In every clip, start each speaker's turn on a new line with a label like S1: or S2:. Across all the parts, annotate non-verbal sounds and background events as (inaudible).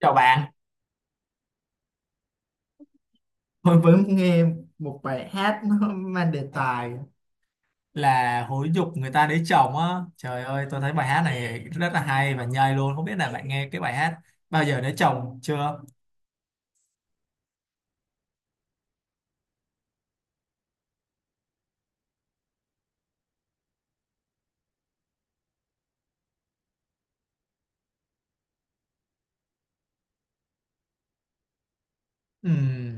S1: Chào bạn, tôi vẫn nghe một bài hát nó mang đề tài là hối dục người ta lấy chồng á. Trời ơi, tôi thấy bài hát này rất là hay và nhây luôn. Không biết là bạn nghe cái bài hát bao giờ lấy chồng chưa? Ừ,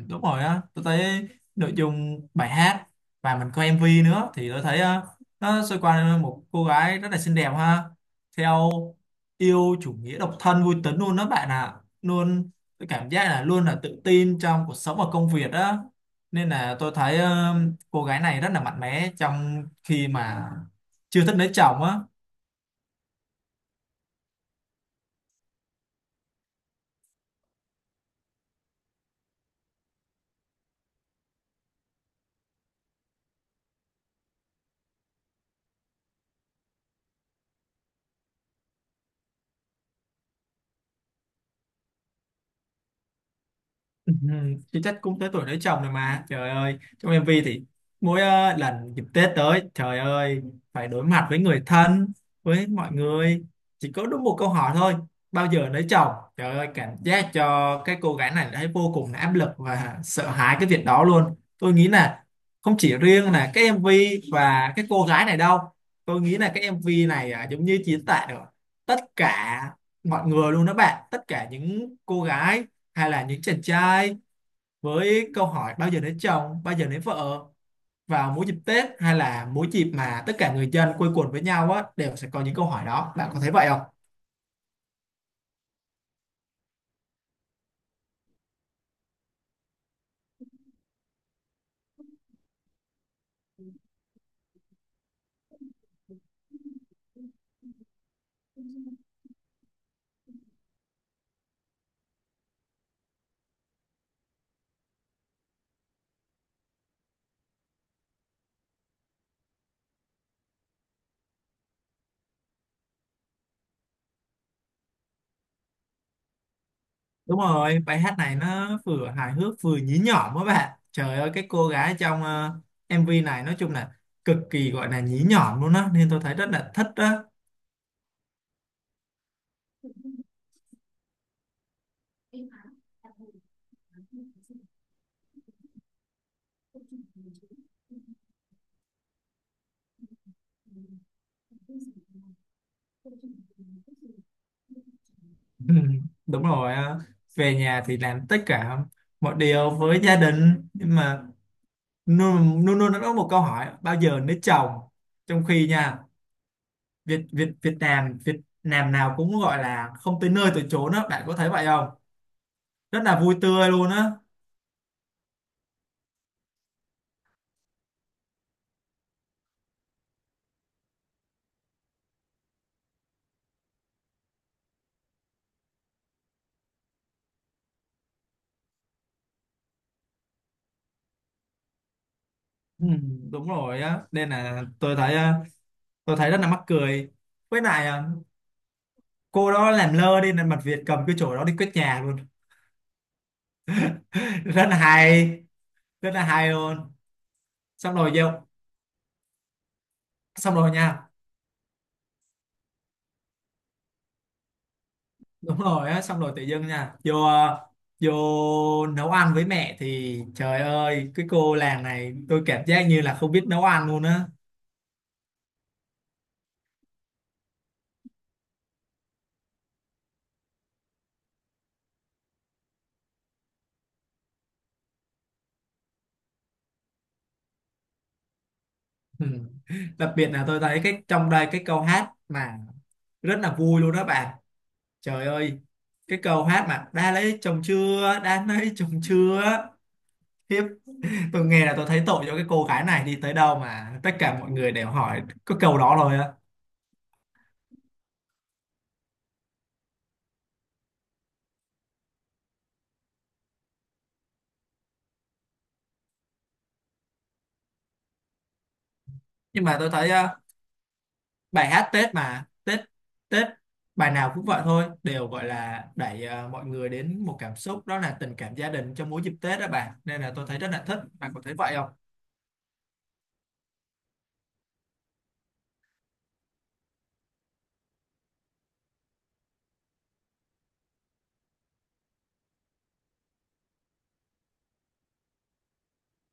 S1: đúng rồi á, tôi thấy nội dung bài hát và mình coi MV nữa thì tôi thấy, nó xoay quanh một cô gái rất là xinh đẹp ha, theo yêu chủ nghĩa độc thân vui tính luôn đó bạn ạ, luôn tôi cảm giác là luôn là tự tin trong cuộc sống và công việc đó. Nên là tôi thấy cô gái này rất là mạnh mẽ trong khi mà chưa thích lấy chồng á. Ừ, chứ chắc cũng tới tuổi lấy chồng rồi mà. Trời ơi, trong MV thì mỗi lần dịp Tết tới, trời ơi, phải đối mặt với người thân, với mọi người, chỉ có đúng một câu hỏi thôi: bao giờ lấy chồng. Trời ơi, cảm giác cho cái cô gái này thấy vô cùng là áp lực và sợ hãi cái việc đó luôn. Tôi nghĩ là không chỉ riêng là cái MV và cái cô gái này đâu, tôi nghĩ là cái MV này, à, giống như diễn tả được tất cả mọi người luôn đó bạn, tất cả những cô gái hay là những chàng trai với câu hỏi bao giờ lấy chồng, bao giờ lấy vợ vào mỗi dịp Tết, hay là mỗi dịp mà tất cả người dân quây quần với nhau á đều sẽ có những câu hỏi đó. Bạn có thấy vậy không? Đúng rồi, bài hát này nó vừa hài hước vừa nhí nhỏm á bạn. Trời ơi, cái cô gái trong, MV này nói chung là cực kỳ gọi là nhí nhỏm luôn á, nên tôi thấy rất là thích đó. Ừ, (laughs) đúng rồi, về nhà thì làm tất cả mọi điều với gia đình, nhưng mà luôn luôn luôn nó có một câu hỏi: bao giờ lấy chồng, trong khi nha Việt Việt Việt Nam Việt Nam nào cũng gọi là không tới nơi tới chốn á. Bạn có thấy vậy không? Rất là vui tươi luôn á. Ừ, đúng rồi á, nên là tôi thấy rất là mắc cười. Với lại cô đó làm lơ đi nên mặt Việt cầm cái chổi đó đi quét nhà luôn. (laughs) Rất là hay, rất là hay luôn. Xong rồi vô, xong rồi nha, đúng rồi á, xong rồi tự dưng nha, vô nấu ăn với mẹ thì trời ơi, cái cô làng này tôi cảm giác như là không biết nấu ăn luôn á. Ừ, đặc biệt là tôi thấy cái trong đây cái câu hát mà rất là vui luôn đó bạn, trời ơi, cái câu hát mà đã lấy chồng chưa, đã lấy chồng chưa, hiếp, tôi nghe là tôi thấy tội cho cái cô gái này, đi tới đâu mà tất cả mọi người đều hỏi có câu đó rồi á. Nhưng mà tôi thấy bài hát Tết mà Tết Tết bài nào cũng vậy thôi, đều gọi là đẩy mọi người đến một cảm xúc, đó là tình cảm gia đình trong mỗi dịp Tết đó bạn, nên là tôi thấy rất là thích. Bạn có thấy vậy không?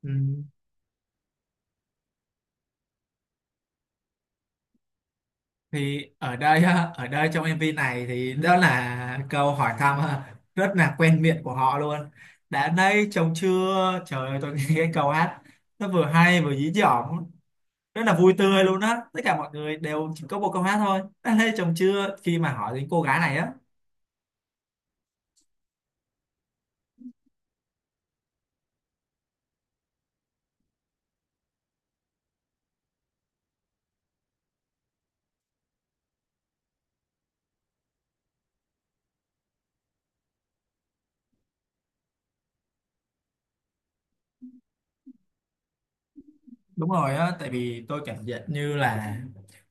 S1: Ừ, thì ở đây ha, ở đây trong MV này thì đó là câu hỏi thăm ha, rất là quen miệng của họ luôn. Đã nay chồng chưa, trời ơi, tôi nghe cái câu hát nó vừa hay vừa dí dỏm, rất là vui tươi luôn á. Tất cả mọi người đều chỉ có một câu hát thôi: đã nay chồng chưa, khi mà hỏi đến cô gái này á. Đúng rồi á, tại vì tôi cảm nhận như là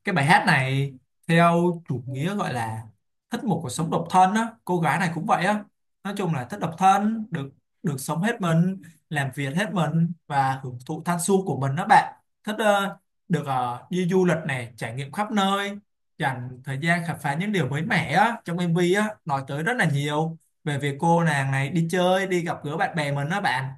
S1: cái bài hát này theo chủ nghĩa gọi là thích một cuộc sống độc thân á. Cô gái này cũng vậy á, nói chung là thích độc thân, được được sống hết mình, làm việc hết mình và hưởng thụ thanh xuân của mình đó bạn. Thích, được, đi du lịch này, trải nghiệm khắp nơi, dành thời gian khám phá những điều mới mẻ á. Trong MV á nói tới rất là nhiều về việc cô nàng này đi chơi, đi gặp gỡ bạn bè mình đó bạn.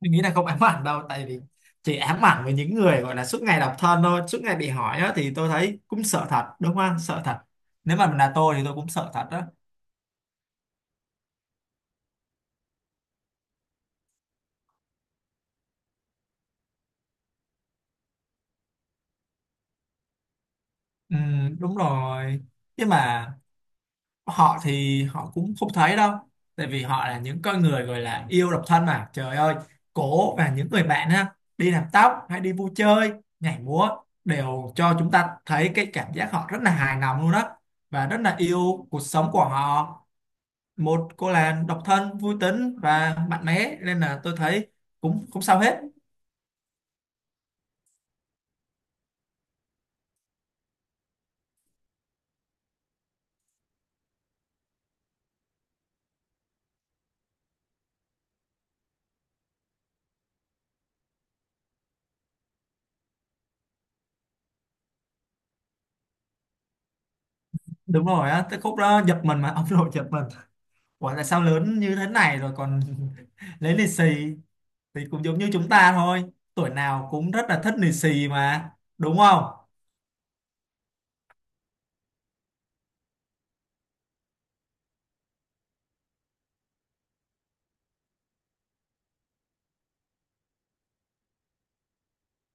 S1: Mình nghĩ là không ám ảnh đâu, tại vì chỉ ám ảnh với những người gọi là suốt ngày độc thân thôi, suốt ngày bị hỏi á, thì tôi thấy cũng sợ thật, đúng không? Sợ thật, nếu mà là tôi thì tôi cũng sợ thật đó. Ừ, đúng rồi. Nhưng mà họ thì họ cũng không thấy đâu, tại vì họ là những con người gọi là yêu độc thân mà. Trời ơi, cổ và những người bạn ha đi làm tóc hay đi vui chơi, nhảy múa đều cho chúng ta thấy cái cảm giác họ rất là hài lòng luôn đó, và rất là yêu cuộc sống của họ. Một cô là độc thân vui tính và mạnh mẽ, nên là tôi thấy cũng không sao hết. Đúng rồi á, tới khúc đó giật mình mà (laughs) ông nội giật mình, ủa tại sao lớn như thế này rồi còn (laughs) lấy lì xì. Thì cũng giống như chúng ta thôi, tuổi nào cũng rất là thích lì xì mà, đúng không?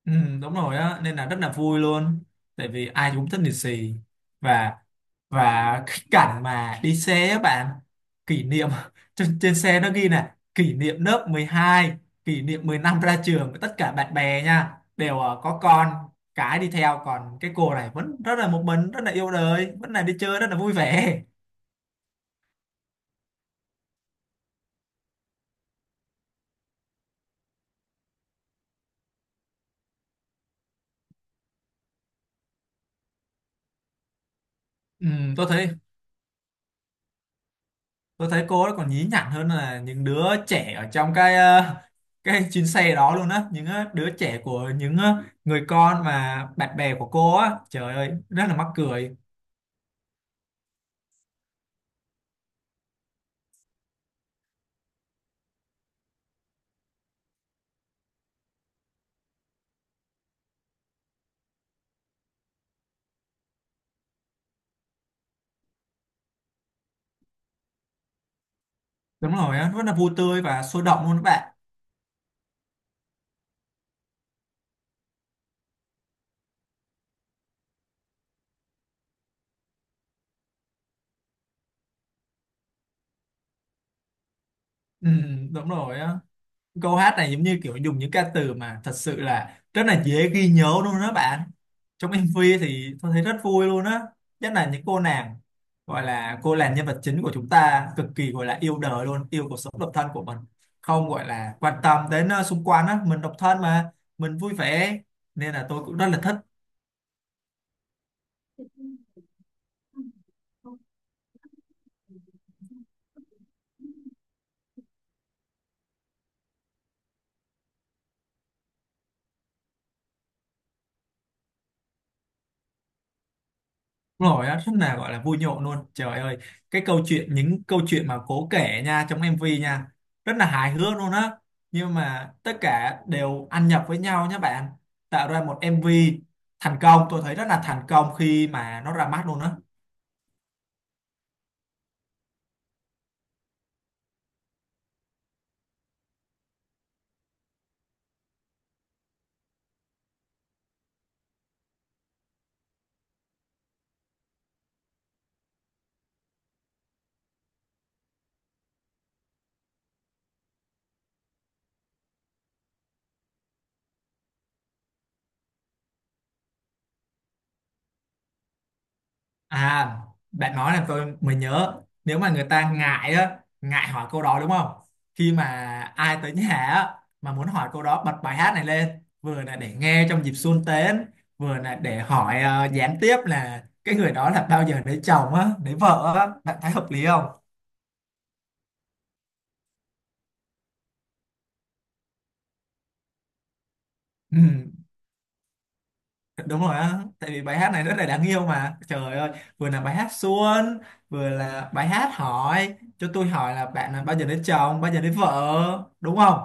S1: Ừ, đúng rồi á, nên là rất là vui luôn, tại vì ai cũng thích lì xì. Và và cái cảnh mà đi xe á bạn, kỷ niệm, (laughs) trên xe nó ghi là kỷ niệm lớp 12, kỷ niệm 10 ra trường với tất cả bạn bè nha, đều có con cái đi theo. Còn cái cô này vẫn rất là một mình, rất là yêu đời, vẫn là đi chơi rất là vui vẻ. Ừ, tôi thấy tôi thấy cô ấy còn nhí nhảnh hơn là những đứa trẻ ở trong cái chuyến xe đó luôn á, những đứa trẻ của những người con mà bạn bè của cô á, trời ơi rất là mắc cười. Đúng rồi á, rất là vui tươi và sôi động luôn các bạn. Ừ, đúng rồi á, câu hát này giống như kiểu dùng những ca từ mà thật sự là rất là dễ ghi nhớ luôn đó bạn. Trong MV thì tôi thấy rất vui luôn á, nhất là những cô nàng gọi là cô nàng nhân vật chính của chúng ta cực kỳ gọi là yêu đời luôn, yêu cuộc sống độc thân của mình, không gọi là quan tâm đến xung quanh á. Mình độc thân mà mình vui vẻ, nên là tôi cũng rất là thích. Đúng rồi á, rất là gọi là vui nhộn luôn, trời ơi, cái câu chuyện, những câu chuyện mà cố kể nha, trong MV nha, rất là hài hước luôn á, nhưng mà tất cả đều ăn nhập với nhau nhé bạn, tạo ra một MV thành công. Tôi thấy rất là thành công khi mà nó ra mắt luôn á. À, bạn nói là tôi mới nhớ, nếu mà người ta ngại á, ngại hỏi câu đó đúng không? Khi mà ai tới nhà á, mà muốn hỏi câu đó, bật bài hát này lên, vừa là để nghe trong dịp xuân tết, vừa là để hỏi gián tiếp là cái người đó là bao giờ lấy chồng á, lấy vợ á, bạn thấy hợp lý không? Ừ, đúng rồi á, tại vì bài hát này rất là đáng yêu mà. Trời ơi, vừa là bài hát xuân, vừa là bài hát hỏi cho tôi hỏi là bạn là bao giờ lấy chồng, bao giờ lấy vợ, đúng không?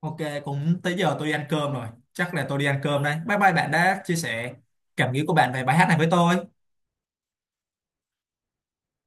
S1: Ok, cũng tới giờ tôi đi ăn cơm rồi. Chắc là tôi đi ăn cơm đây. Bye bye bạn đã chia sẻ cảm nghĩ của bạn về bài hát này với tôi.